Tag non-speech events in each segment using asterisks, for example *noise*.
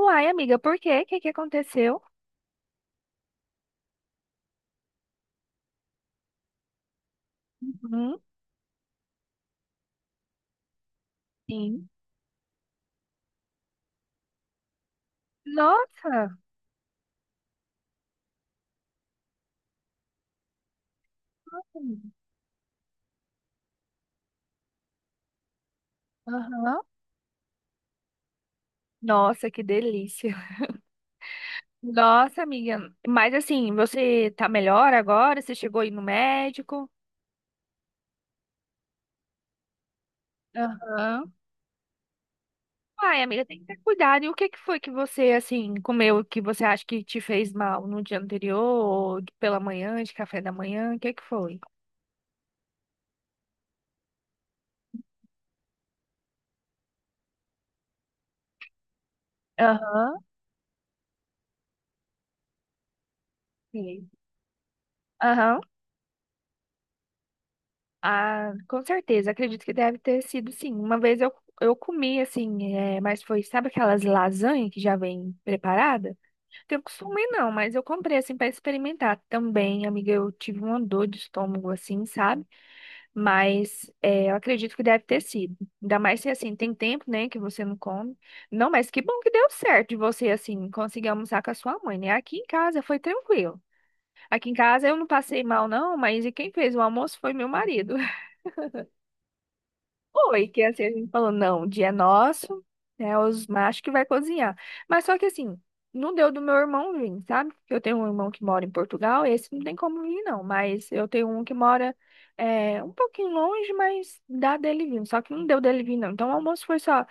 Uai, amiga, por quê? O que que aconteceu? Uhum, sim. Nossa! Hum, Aham. Nossa, que delícia. Nossa, amiga. Mas assim, você tá melhor agora? Você chegou aí no médico? Aham. Uai, amiga, tem que ter cuidado. E o que que foi que você, assim, comeu que você acha que te fez mal no dia anterior, ou pela manhã, de café da manhã? O que que foi? Aham. Sim. Aham. Ah, com certeza, acredito que deve ter sido sim. Uma vez eu comi assim, mas foi, sabe aquelas lasanha que já vem preparada? Tenho costume não, mas eu comprei assim para experimentar também, amiga. Eu tive uma dor de estômago assim, sabe? Mas é, eu acredito que deve ter sido. Ainda mais se assim, tem tempo, né, que você não come. Não, mas que bom que deu certo de você assim conseguir almoçar com a sua mãe, né? Aqui em casa foi tranquilo. Aqui em casa eu não passei mal não, mas e quem fez o almoço foi meu marido. Foi, que assim, a gente falou, não, o dia é nosso, né? Os machos que vai cozinhar. Mas só que assim, não deu do meu irmão vir, sabe? Eu tenho um irmão que mora em Portugal, esse não tem como vir, não. Mas eu tenho um que mora um pouquinho longe, mas dá dele vir. Só que não deu dele vir, não. Então o almoço foi só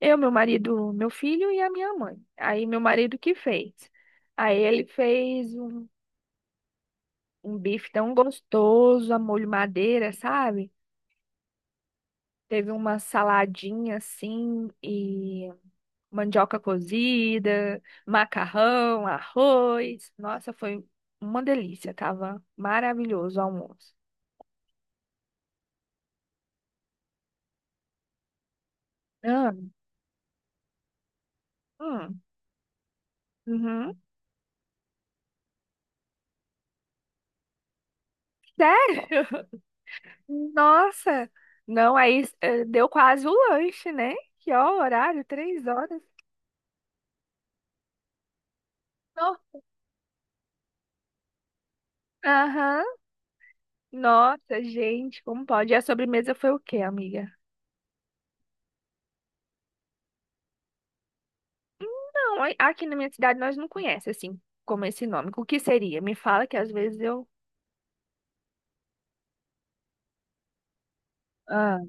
eu, meu marido, meu filho e a minha mãe. Aí meu marido que fez. Aí ele fez um bife tão gostoso, a molho madeira, sabe? Teve uma saladinha assim e mandioca cozida, macarrão, arroz. Nossa, foi uma delícia. Tava maravilhoso o almoço. Ah, hum, uhum. Sério? *laughs* Nossa! Não, deu quase o lanche, né? Que ó, horário, três horas. Não. Aham. Nossa, gente, como pode? E a sobremesa foi o quê, amiga? Não, aqui na minha cidade nós não conhecemos assim como esse nome. O que seria? Me fala que às vezes eu. Ah.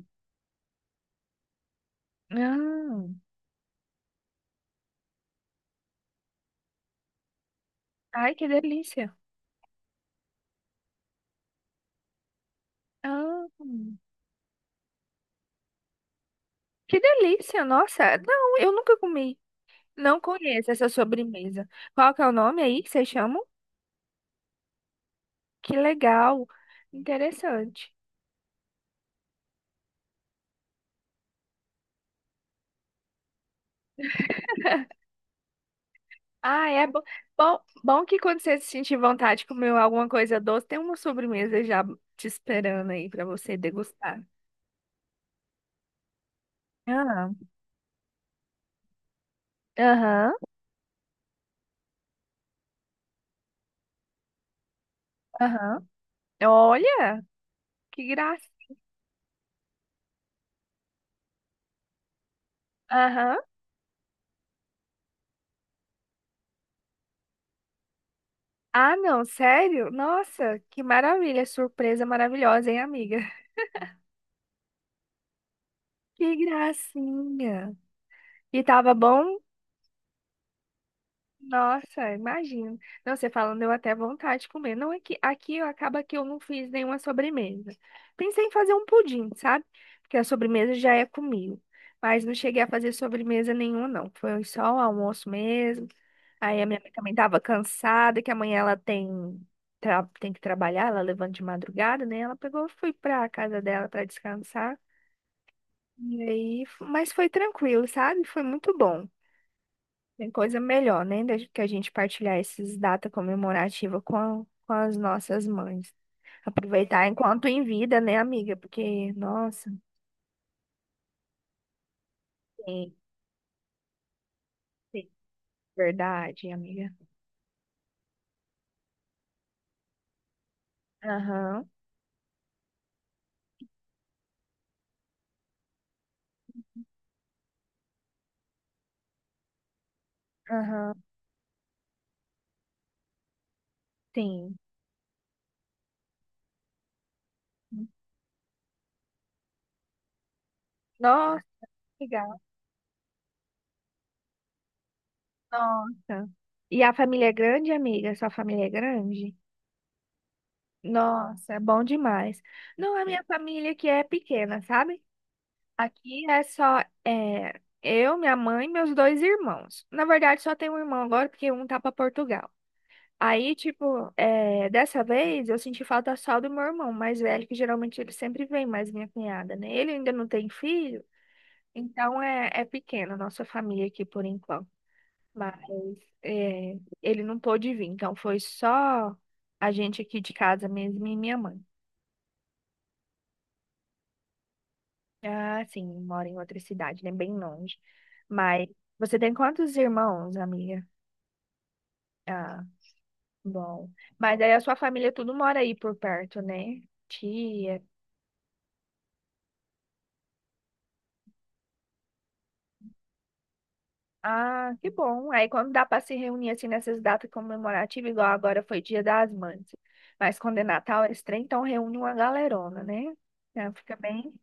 Ah, ai, que delícia. Ah, que delícia, nossa. Não, eu nunca comi. Não conheço essa sobremesa. Qual que é o nome aí que vocês chamam? Que legal. Interessante. Ah, é bom, bom, bom que quando você sentir vontade de comer alguma coisa doce, tem uma sobremesa já te esperando aí para você degustar. Ah, aham, aham. Olha! Que graça. Aham. Ah, não, sério? Nossa, que maravilha, surpresa maravilhosa, hein, amiga? Que gracinha. E tava bom? Nossa, imagino. Não, você falando, deu até vontade de comer. Não é que aqui acaba que eu não fiz nenhuma sobremesa. Pensei em fazer um pudim, sabe? Porque a sobremesa já é comigo. Mas não cheguei a fazer sobremesa nenhuma, não. Foi só o almoço mesmo. Aí a minha mãe também estava cansada, que amanhã ela tem, tem que trabalhar, ela levanta de madrugada, né? Ela pegou, e fui pra casa dela para descansar. E aí, mas foi tranquilo, sabe? Foi muito bom. Tem coisa melhor, né? Do que a gente partilhar essas datas comemorativas com as nossas mães. Aproveitar enquanto em vida, né, amiga? Porque, nossa, sim, sim. Verdade, amiga. Aham, aham, sim. Ah, nossa, que legal. Nossa. E a família é grande, amiga? Sua família é grande? Nossa, é bom demais. Não, a minha família que é pequena, sabe? Aqui é só eu, minha mãe e meus dois irmãos. Na verdade, só tem um irmão agora, porque um tá pra Portugal. Aí, tipo, dessa vez eu senti falta só do meu irmão mais velho, que geralmente ele sempre vem, mais minha cunhada, né? Ele ainda não tem filho, então é pequena a nossa família aqui por enquanto. Mas é, ele não pôde vir, então foi só a gente aqui de casa mesmo e minha mãe. Ah, sim, mora em outra cidade, né? Bem longe. Mas você tem quantos irmãos, amiga? Ah, bom. Mas aí a sua família tudo mora aí por perto, né? Tia. Ah, que bom. Aí quando dá para se reunir assim nessas datas comemorativas, igual agora foi Dia das Mães. Mas quando é Natal, eles trem, então reúne uma galerona, né? Então fica bem.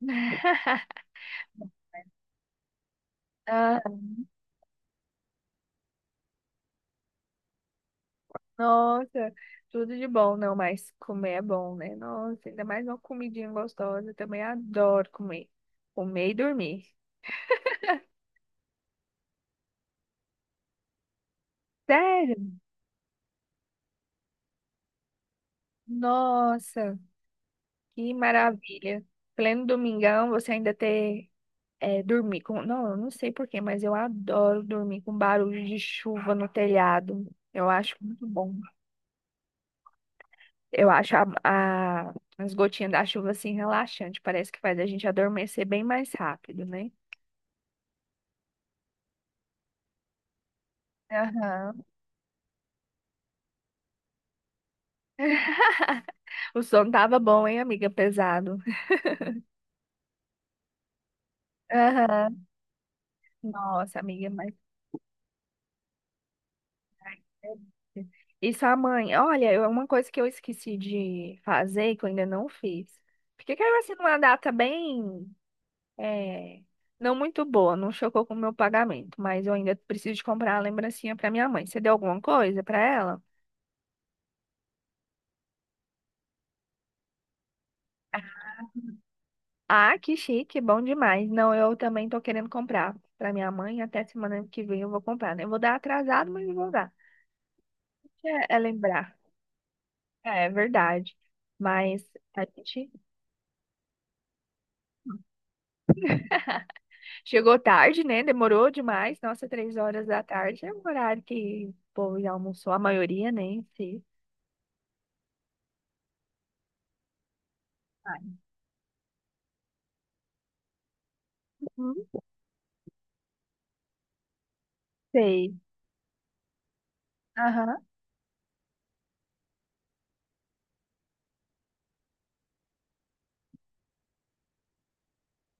*laughs* Ah, nossa, tudo de bom, não, mas comer é bom, né? Nossa, ainda mais uma comidinha gostosa, eu também adoro comer. Comer e dormir. Sério? Nossa, que maravilha. Pleno domingão, você ainda ter dormir com. Não, eu não sei porquê, mas eu adoro dormir com barulho de chuva no telhado. Eu acho muito bom. Eu acho as gotinhas da chuva assim relaxante. Parece que faz a gente adormecer bem mais rápido, né? Aham. *laughs* O som tava bom, hein, amiga? Pesado. Aham. Nossa, amiga, mas. E sua mãe? Olha, uma coisa que eu esqueci de fazer, que eu ainda não fiz. Porque caiu assim numa data bem. é, não muito boa, não chocou com o meu pagamento, mas eu ainda preciso de comprar a lembrancinha pra minha mãe. Você deu alguma coisa pra ela? Ah, que chique, bom demais. Não, eu também tô querendo comprar pra minha mãe. Até semana que vem eu vou comprar, né? Eu vou dar atrasado, mas eu vou dar. É, é lembrar. É verdade. Mas a gente chegou tarde, né? Demorou demais. Nossa, três horas da tarde é um horário que o povo já almoçou, a maioria, né? Em si. Ai, não sei. Aham.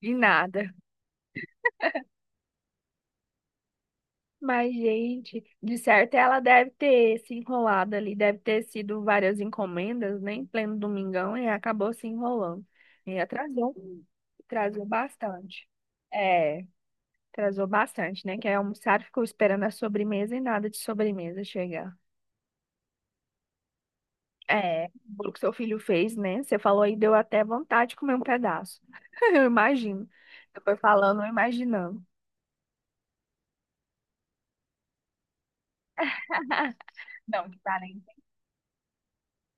De nada. Mas, gente, de certo ela deve ter se enrolado ali, deve ter sido várias encomendas, né? Em pleno domingão, e acabou se enrolando. E atrasou, atrasou bastante. É. Atrasou bastante, né? Que quer almoçar, ficou esperando a sobremesa e nada de sobremesa chegar. É, o bolo que seu filho fez, né? Você falou aí, deu até vontade de comer um pedaço. *laughs* Eu imagino. Eu falando, eu imaginando. *laughs* Não, que parente.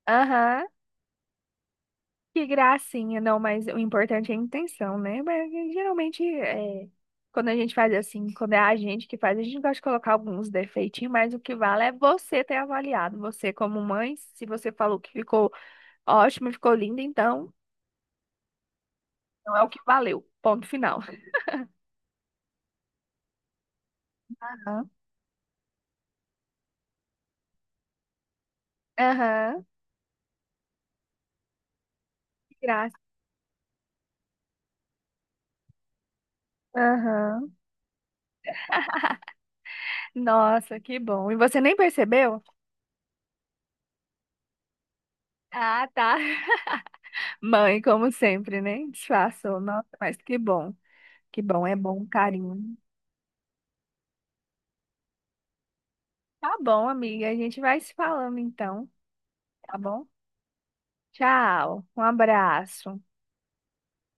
Aham, que gracinha. Não, mas o importante é a intenção, né? Mas, geralmente, quando a gente faz assim, quando é a gente que faz, a gente gosta de colocar alguns defeitinhos, mas o que vale é você ter avaliado. Você, como mãe, se você falou que ficou ótimo, ficou lindo, então. Não é o que valeu. Ponto final. Aham, aham, que graça. Aham. Nossa, que bom. E você nem percebeu? Ah, tá. Mãe, como sempre, né? Disfarçou. Nossa, mas que bom. Que bom, é bom, carinho. Tá bom, amiga. A gente vai se falando então, tá bom? Tchau. Um abraço.